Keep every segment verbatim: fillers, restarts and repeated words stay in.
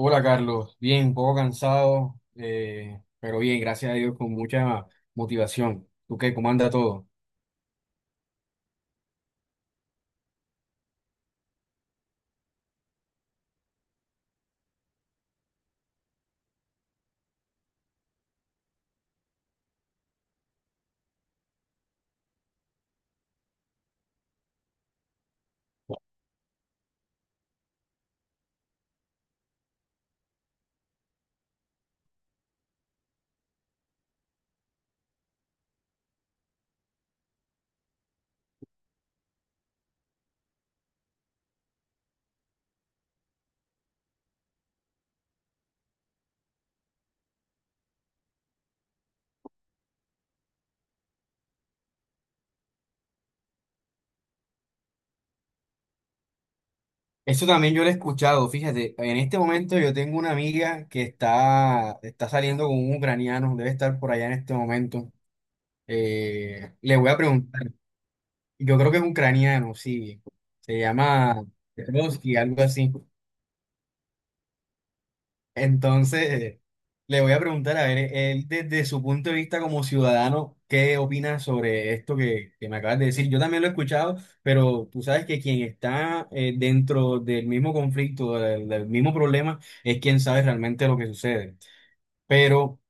Hola Carlos, bien, un poco cansado, eh, pero bien, gracias a Dios, con mucha motivación. ¿Tú qué? ¿Cómo anda todo? Eso también yo lo he escuchado, fíjate, en este momento yo tengo una amiga que está, está saliendo con un ucraniano, debe estar por allá en este momento. Eh, le voy a preguntar, yo creo que es ucraniano, sí, se llama Petrovsky, algo así. Entonces, eh, le voy a preguntar, a ver, él desde su punto de vista como ciudadano, ¿qué opina sobre esto que, que me acabas de decir? Yo también lo he escuchado, pero tú sabes que quien está eh, dentro del mismo conflicto, del, del mismo problema, es quien sabe realmente lo que sucede. Pero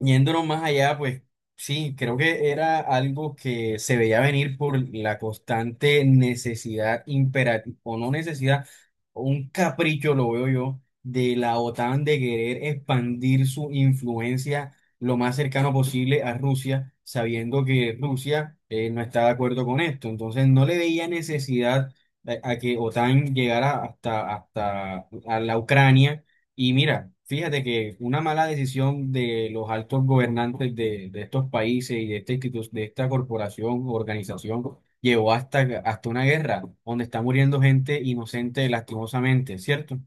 yéndonos más allá, pues sí, creo que era algo que se veía venir por la constante necesidad imperativa, o no necesidad, un capricho, lo veo yo, de la OTAN de querer expandir su influencia lo más cercano posible a Rusia, sabiendo que Rusia eh, no está de acuerdo con esto. Entonces no le veía necesidad a, a que OTAN llegara hasta, hasta a la Ucrania y mira, fíjate que una mala decisión de los altos gobernantes de, de estos países y de esta institu- de esta corporación, organización, llevó hasta, hasta una guerra donde está muriendo gente inocente lastimosamente, ¿cierto?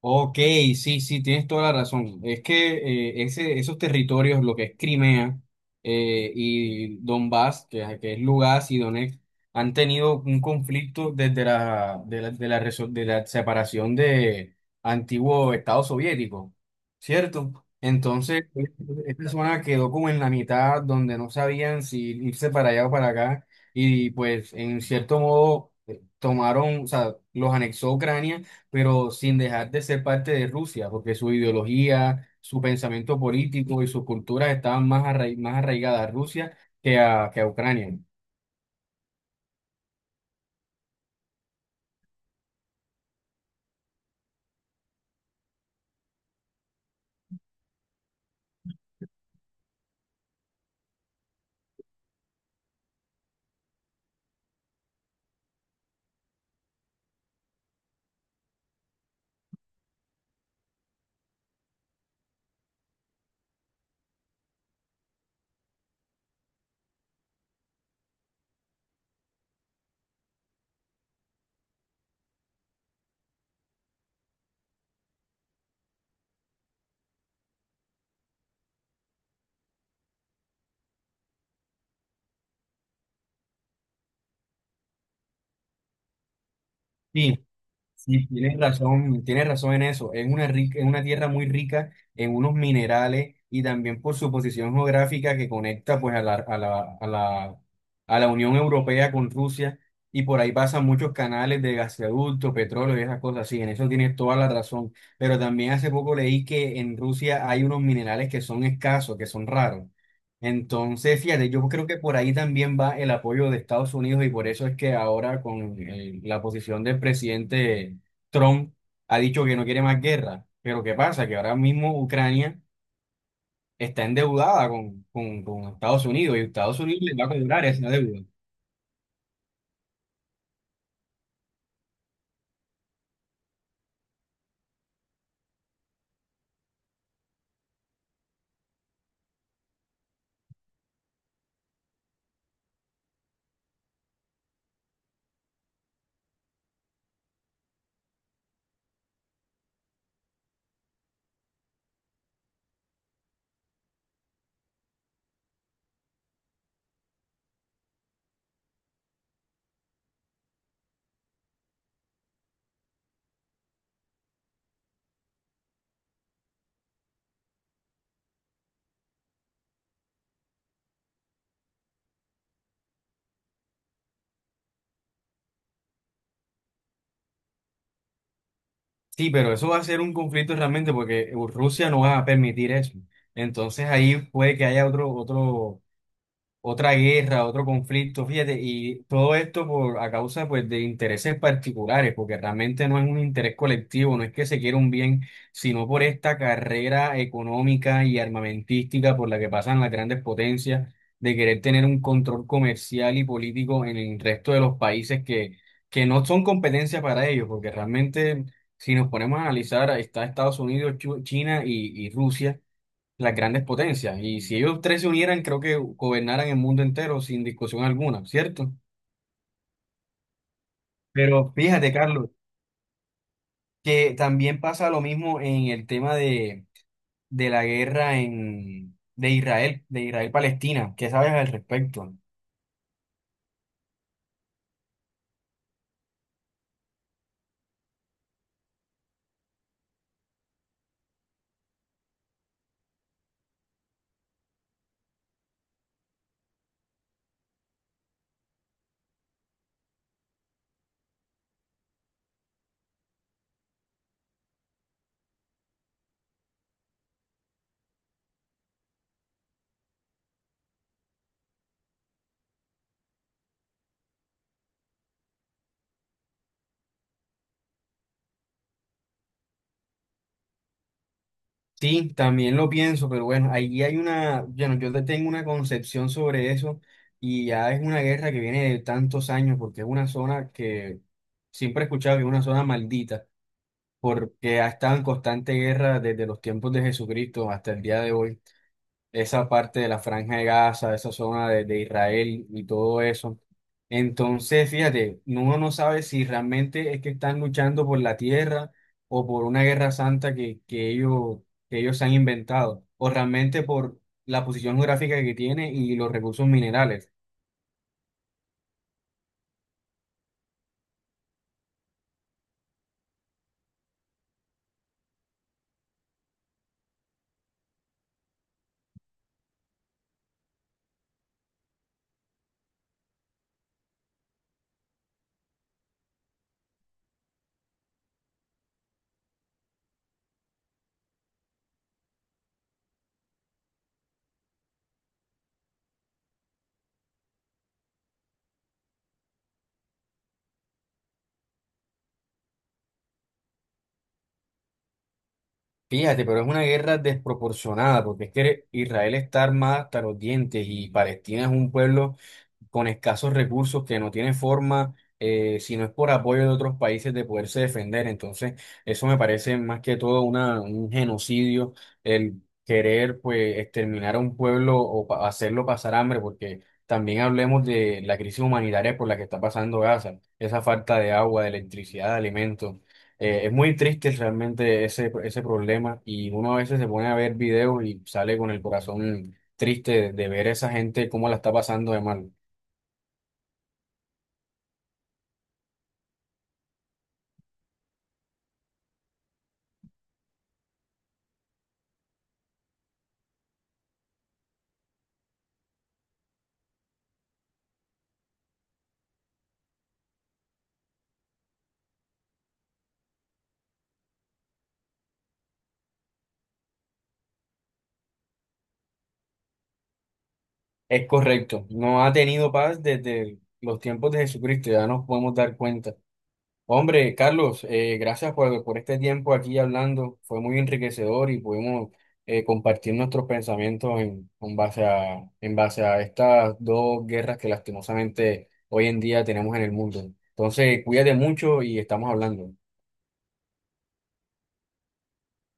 Ok, sí, sí, tienes toda la razón. Es que eh, ese, esos territorios, lo que es Crimea eh, y Donbass, que, que es Lugansk y Donetsk, han tenido un conflicto desde la, de la, de la, reso- de la separación de antiguo Estado soviético, ¿cierto? Entonces, esta zona quedó como en la mitad, donde no sabían si irse para allá o para acá, y pues en cierto modo eh, tomaron, o sea, los anexó Ucrania pero sin dejar de ser parte de Rusia, porque su ideología, su pensamiento político y sus culturas estaban más arraigadas, más arraigadas a Rusia que a, que a Ucrania. Sí, sí, tienes razón, tienes razón en eso. Es una rica, es una tierra muy rica en unos minerales y también por su posición geográfica que conecta pues a la, a la, a la, a la Unión Europea con Rusia y por ahí pasan muchos canales de gasoducto, petróleo y esas cosas así. En eso tienes toda la razón. Pero también hace poco leí que en Rusia hay unos minerales que son escasos, que son raros. Entonces, fíjate, yo creo que por ahí también va el apoyo de Estados Unidos y por eso es que ahora con eh, la posición del presidente Trump ha dicho que no quiere más guerra. Pero ¿qué pasa? Que ahora mismo Ucrania está endeudada con, con, con Estados Unidos y Estados Unidos le va a cobrar esa deuda. Sí, pero eso va a ser un conflicto realmente porque Rusia no va a permitir eso. Entonces ahí puede que haya otro, otro otra guerra, otro conflicto, fíjate, y todo esto por a causa pues de intereses particulares, porque realmente no es un interés colectivo, no es que se quiera un bien, sino por esta carrera económica y armamentística por la que pasan las grandes potencias, de querer tener un control comercial y político en el resto de los países que, que no son competencia para ellos, porque realmente si nos ponemos a analizar, está Estados Unidos, Chu- China y y Rusia las grandes potencias. Y si ellos tres se unieran, creo que gobernaran el mundo entero sin discusión alguna, ¿cierto? Pero fíjate, Carlos, que también pasa lo mismo en el tema de, de la guerra en, de Israel, de Israel-Palestina. ¿Qué sabes al respecto? Sí, también lo pienso, pero bueno, ahí hay una, bueno, yo te- tengo una concepción sobre eso y ya es una guerra que viene de tantos años porque es una zona que siempre he escuchado que es una zona maldita, porque ha estado en constante guerra desde los tiempos de Jesucristo hasta el día de hoy. Esa parte de la Franja de Gaza, esa zona de, de Israel y todo eso. Entonces, fíjate, uno no sabe si realmente es que están luchando por la tierra o por una guerra santa que, que ellos, que ellos se han inventado, o realmente por la posición geográfica que tiene y los recursos minerales. Fíjate, pero es una guerra desproporcionada, porque es que Israel está armada hasta los dientes y Palestina es un pueblo con escasos recursos, que no tiene forma, eh, si no es por apoyo de otros países, de poderse defender. Entonces, eso me parece más que todo una, un genocidio, el querer pues exterminar a un pueblo o pa- hacerlo pasar hambre, porque también hablemos de la crisis humanitaria por la que está pasando Gaza, esa falta de agua, de electricidad, de alimentos. Eh, es muy triste realmente ese, ese problema y uno a veces se pone a ver videos y sale con el corazón triste de, de ver esa gente cómo la está pasando de mal. Es correcto, no ha tenido paz desde los tiempos de Jesucristo, ya nos podemos dar cuenta. Hombre, Carlos, eh, gracias por, por este tiempo aquí hablando, fue muy enriquecedor y pudimos eh, compartir nuestros pensamientos en, en base a, en base a estas dos guerras que lastimosamente hoy en día tenemos en el mundo. Entonces, cuídate mucho y estamos hablando.